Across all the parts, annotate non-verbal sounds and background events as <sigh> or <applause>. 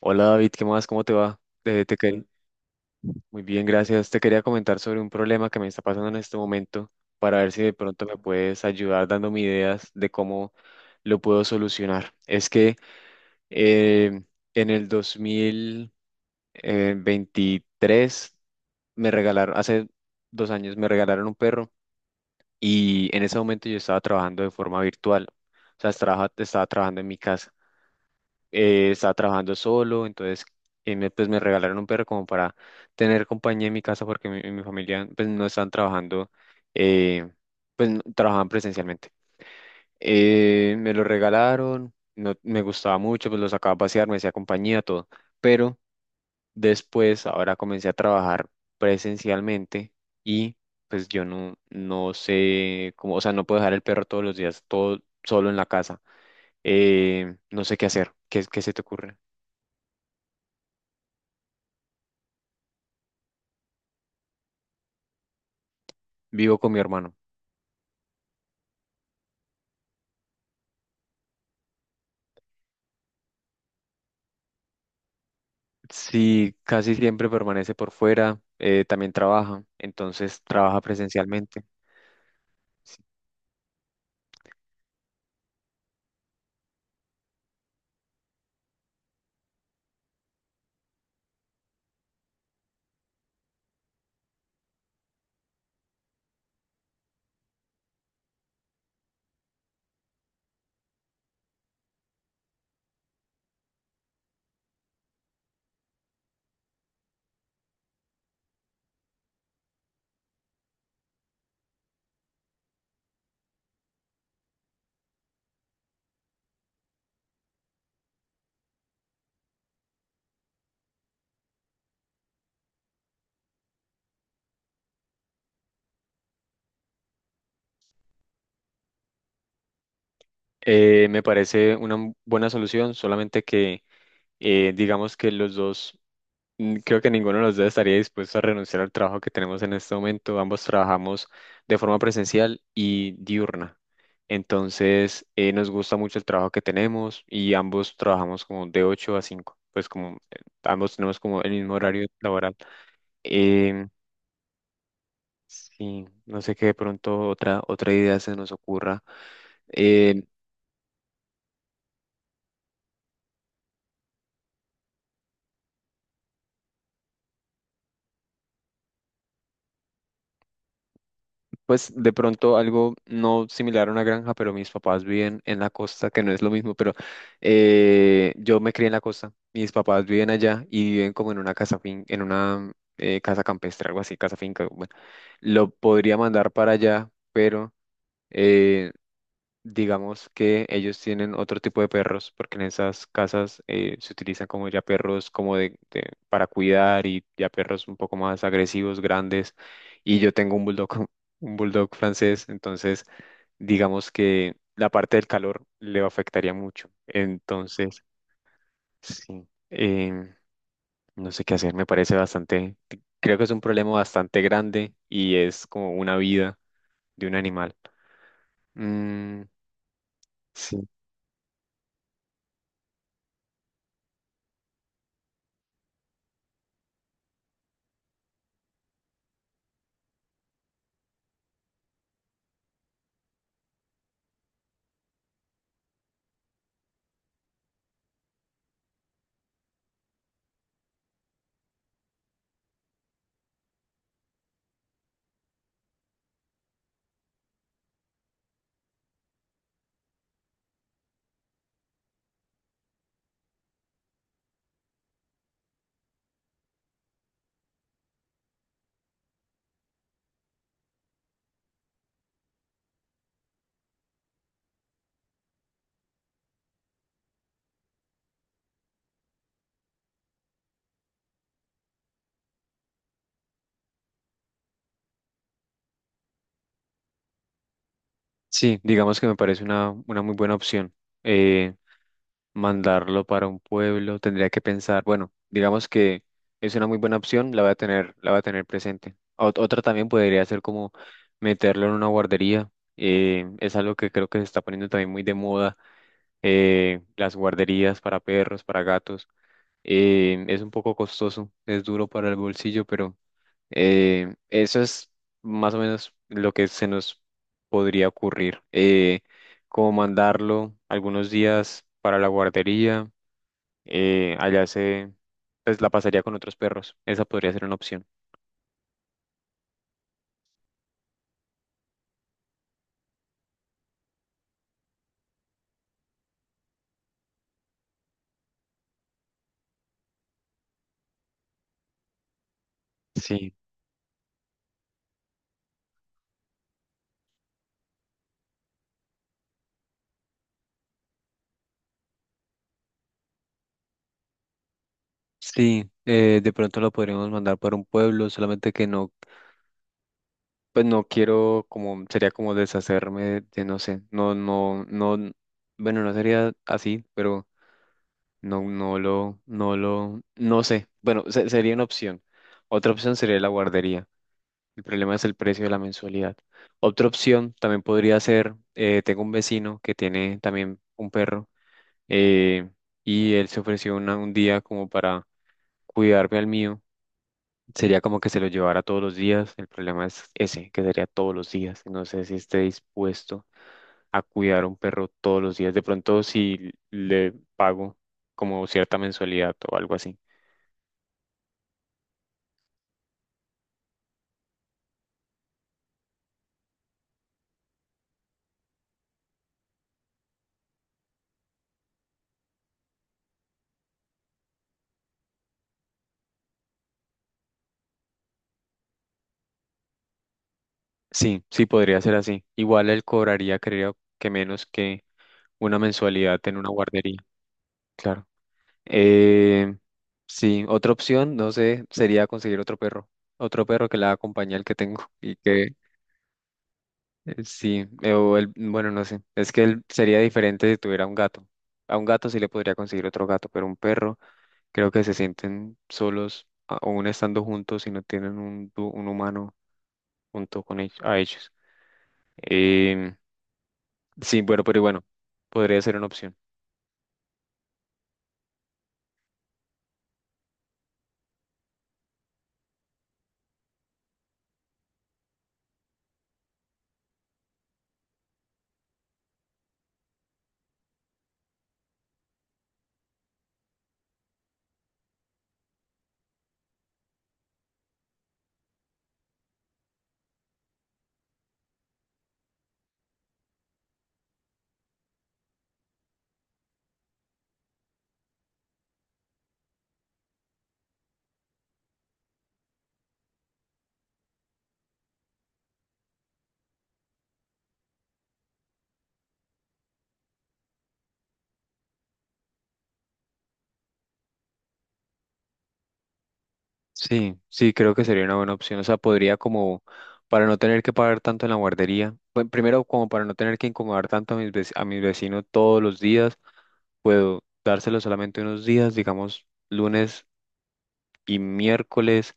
Hola David, ¿qué más? ¿Cómo te va? Te quer- muy bien, gracias. Te quería comentar sobre un problema que me está pasando en este momento para ver si de pronto me puedes ayudar dándome ideas de cómo lo puedo solucionar. Es que eh, en el 2023 me regalaron, hace 2 años me regalaron un perro y en ese momento yo estaba trabajando de forma virtual. O sea, estaba trabajando en mi casa. Estaba trabajando solo, entonces pues me regalaron un perro como para tener compañía en mi casa porque mi familia pues no estaban trabajando, eh, pues trabajaban presencialmente. Me lo regalaron, no, me gustaba mucho, pues lo sacaba a pasear, me hacía compañía, todo. Pero después, ahora comencé a trabajar presencialmente y pues yo no, no sé cómo, o sea, no puedo dejar el perro todos los días, todo solo en la casa. No sé qué hacer. ¿Qué se te ocurre? Vivo con mi hermano. Sí, casi siempre permanece por fuera, también trabaja, entonces trabaja presencialmente. Sí. Me parece una buena solución, solamente que digamos que los dos, creo que ninguno de los dos estaría dispuesto a renunciar al trabajo que tenemos en este momento. Ambos trabajamos de forma presencial y diurna. Entonces, nos gusta mucho el trabajo que tenemos y ambos trabajamos como de 8 a 5. Pues como ambos tenemos como el mismo horario laboral. Em, sí, no sé qué de pronto otra, otra idea se nos ocurra. Em, Pues de pronto algo no similar a una granja, pero mis papás viven en la costa, que no es lo mismo, pero yo me crié en la costa, mis papás viven allá y viven como en una casa fin, en una casa campestre, algo así, casa finca. Bueno, lo podría mandar para allá, pero eh, digamos que ellos tienen otro tipo de perros, porque en esas casas se utilizan como ya perros como para cuidar y ya perros un poco más agresivos, grandes. Y yo tengo un bulldog, <laughs> un bulldog francés, entonces digamos que la parte del calor le afectaría mucho. Entonces, sí, no sé qué hacer, me parece bastante, creo que es un problema bastante grande y es como una vida de un animal. Mm, sí. Sí, digamos que me parece una muy buena opción. Eh, Mandarlo para un pueblo, tendría que pensar, bueno, digamos que es una muy buena opción, la voy a tener, la voy a tener presente. Otra también podría ser como meterlo en una guardería. Es algo que creo que se está poniendo también muy de moda, las guarderías para perros, para gatos. Es un poco costoso, es duro para el bolsillo, pero eso es más o menos lo que se nos podría ocurrir. Como mandarlo algunos días para la guardería, allá se, pues la pasaría con otros perros. Esa podría ser una opción. Sí, sí, de pronto lo podríamos mandar para un pueblo, solamente que no, pues no quiero como, sería como deshacerme de, no sé, no, no, no, bueno, no sería así, pero no, no sé. Bueno, sería una opción. Otra opción sería la guardería. El problema es el precio de la mensualidad. Otra opción también podría ser, tengo un vecino que tiene también un perro eh, y él se ofreció un día como para cuidarme al mío. Sería como que se lo llevara todos los días. El problema es ese, que sería todos los días. No sé si esté dispuesto a cuidar a un perro todos los días. De pronto, si le pago como cierta mensualidad o algo así. Sí, sí, podría ser así. Igual él cobraría, creo que menos que una mensualidad en una guardería, claro. Eh, sí, otra opción, no sé, sería conseguir otro perro que la acompañe al que tengo <laughs> y que sí, o el bueno, no sé, es que él sería diferente si tuviera un gato. A un gato sí le podría conseguir otro gato, pero un perro creo que se sienten solos, aún estando juntos y no tienen un, un humano junto con ellos, a ellos. Em, Sí, bueno, pero bueno, podría ser una opción. Sí, sí, creo que sería una buena opción. O sea, podría como para no tener que pagar tanto en la guardería. Bueno, primero, como para no tener que incomodar tanto a mis a mis vecinos todos los días, puedo dárselo solamente unos días, digamos, lunes y miércoles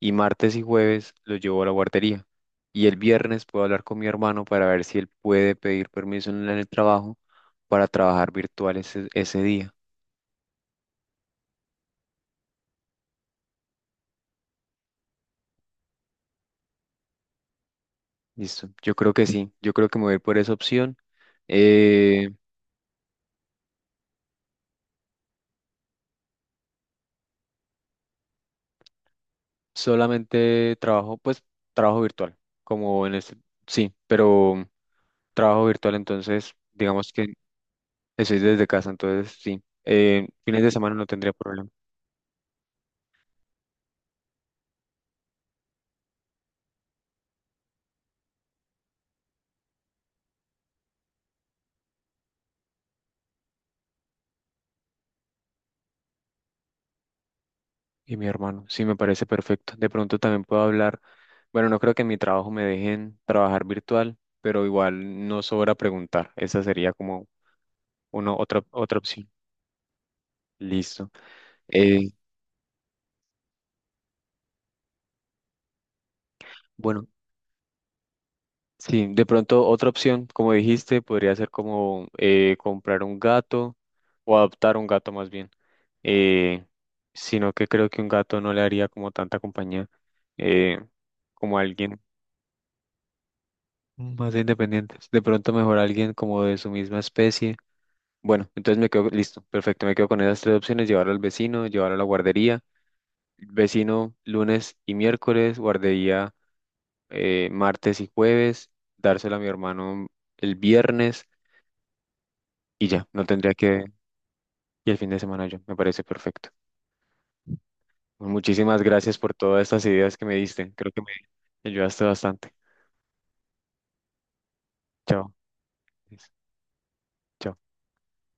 y martes y jueves lo llevo a la guardería. Y el viernes puedo hablar con mi hermano para ver si él puede pedir permiso en el trabajo para trabajar virtual ese día. Listo, yo creo que sí, yo creo que me voy a ir por esa opción. Eh, Solamente trabajo, pues trabajo virtual, como en este, sí, pero trabajo virtual, entonces digamos que estoy desde casa, entonces sí, fines de semana no tendría problema. Y mi hermano, sí, me parece perfecto. De pronto también puedo hablar, bueno, no creo que en mi trabajo me dejen trabajar virtual, pero igual no sobra preguntar, esa sería como una otra, otra opción. Listo. Eh, bueno. Sí, de pronto otra opción, como dijiste, podría ser como comprar un gato o adoptar un gato más bien, eh, sino que creo que un gato no le haría como tanta compañía eh, como alguien más independiente. De pronto mejor alguien como de su misma especie. Bueno, entonces me quedo listo, perfecto, me quedo con esas tres opciones, llevarlo al vecino, llevarlo a la guardería, vecino lunes y miércoles, guardería martes y jueves, dárselo a mi hermano el viernes. Y ya, no tendría que... Y el fin de semana yo, me parece perfecto. Pues muchísimas gracias por todas estas ideas que me diste. Creo que me ayudaste bastante. Chao. Chao.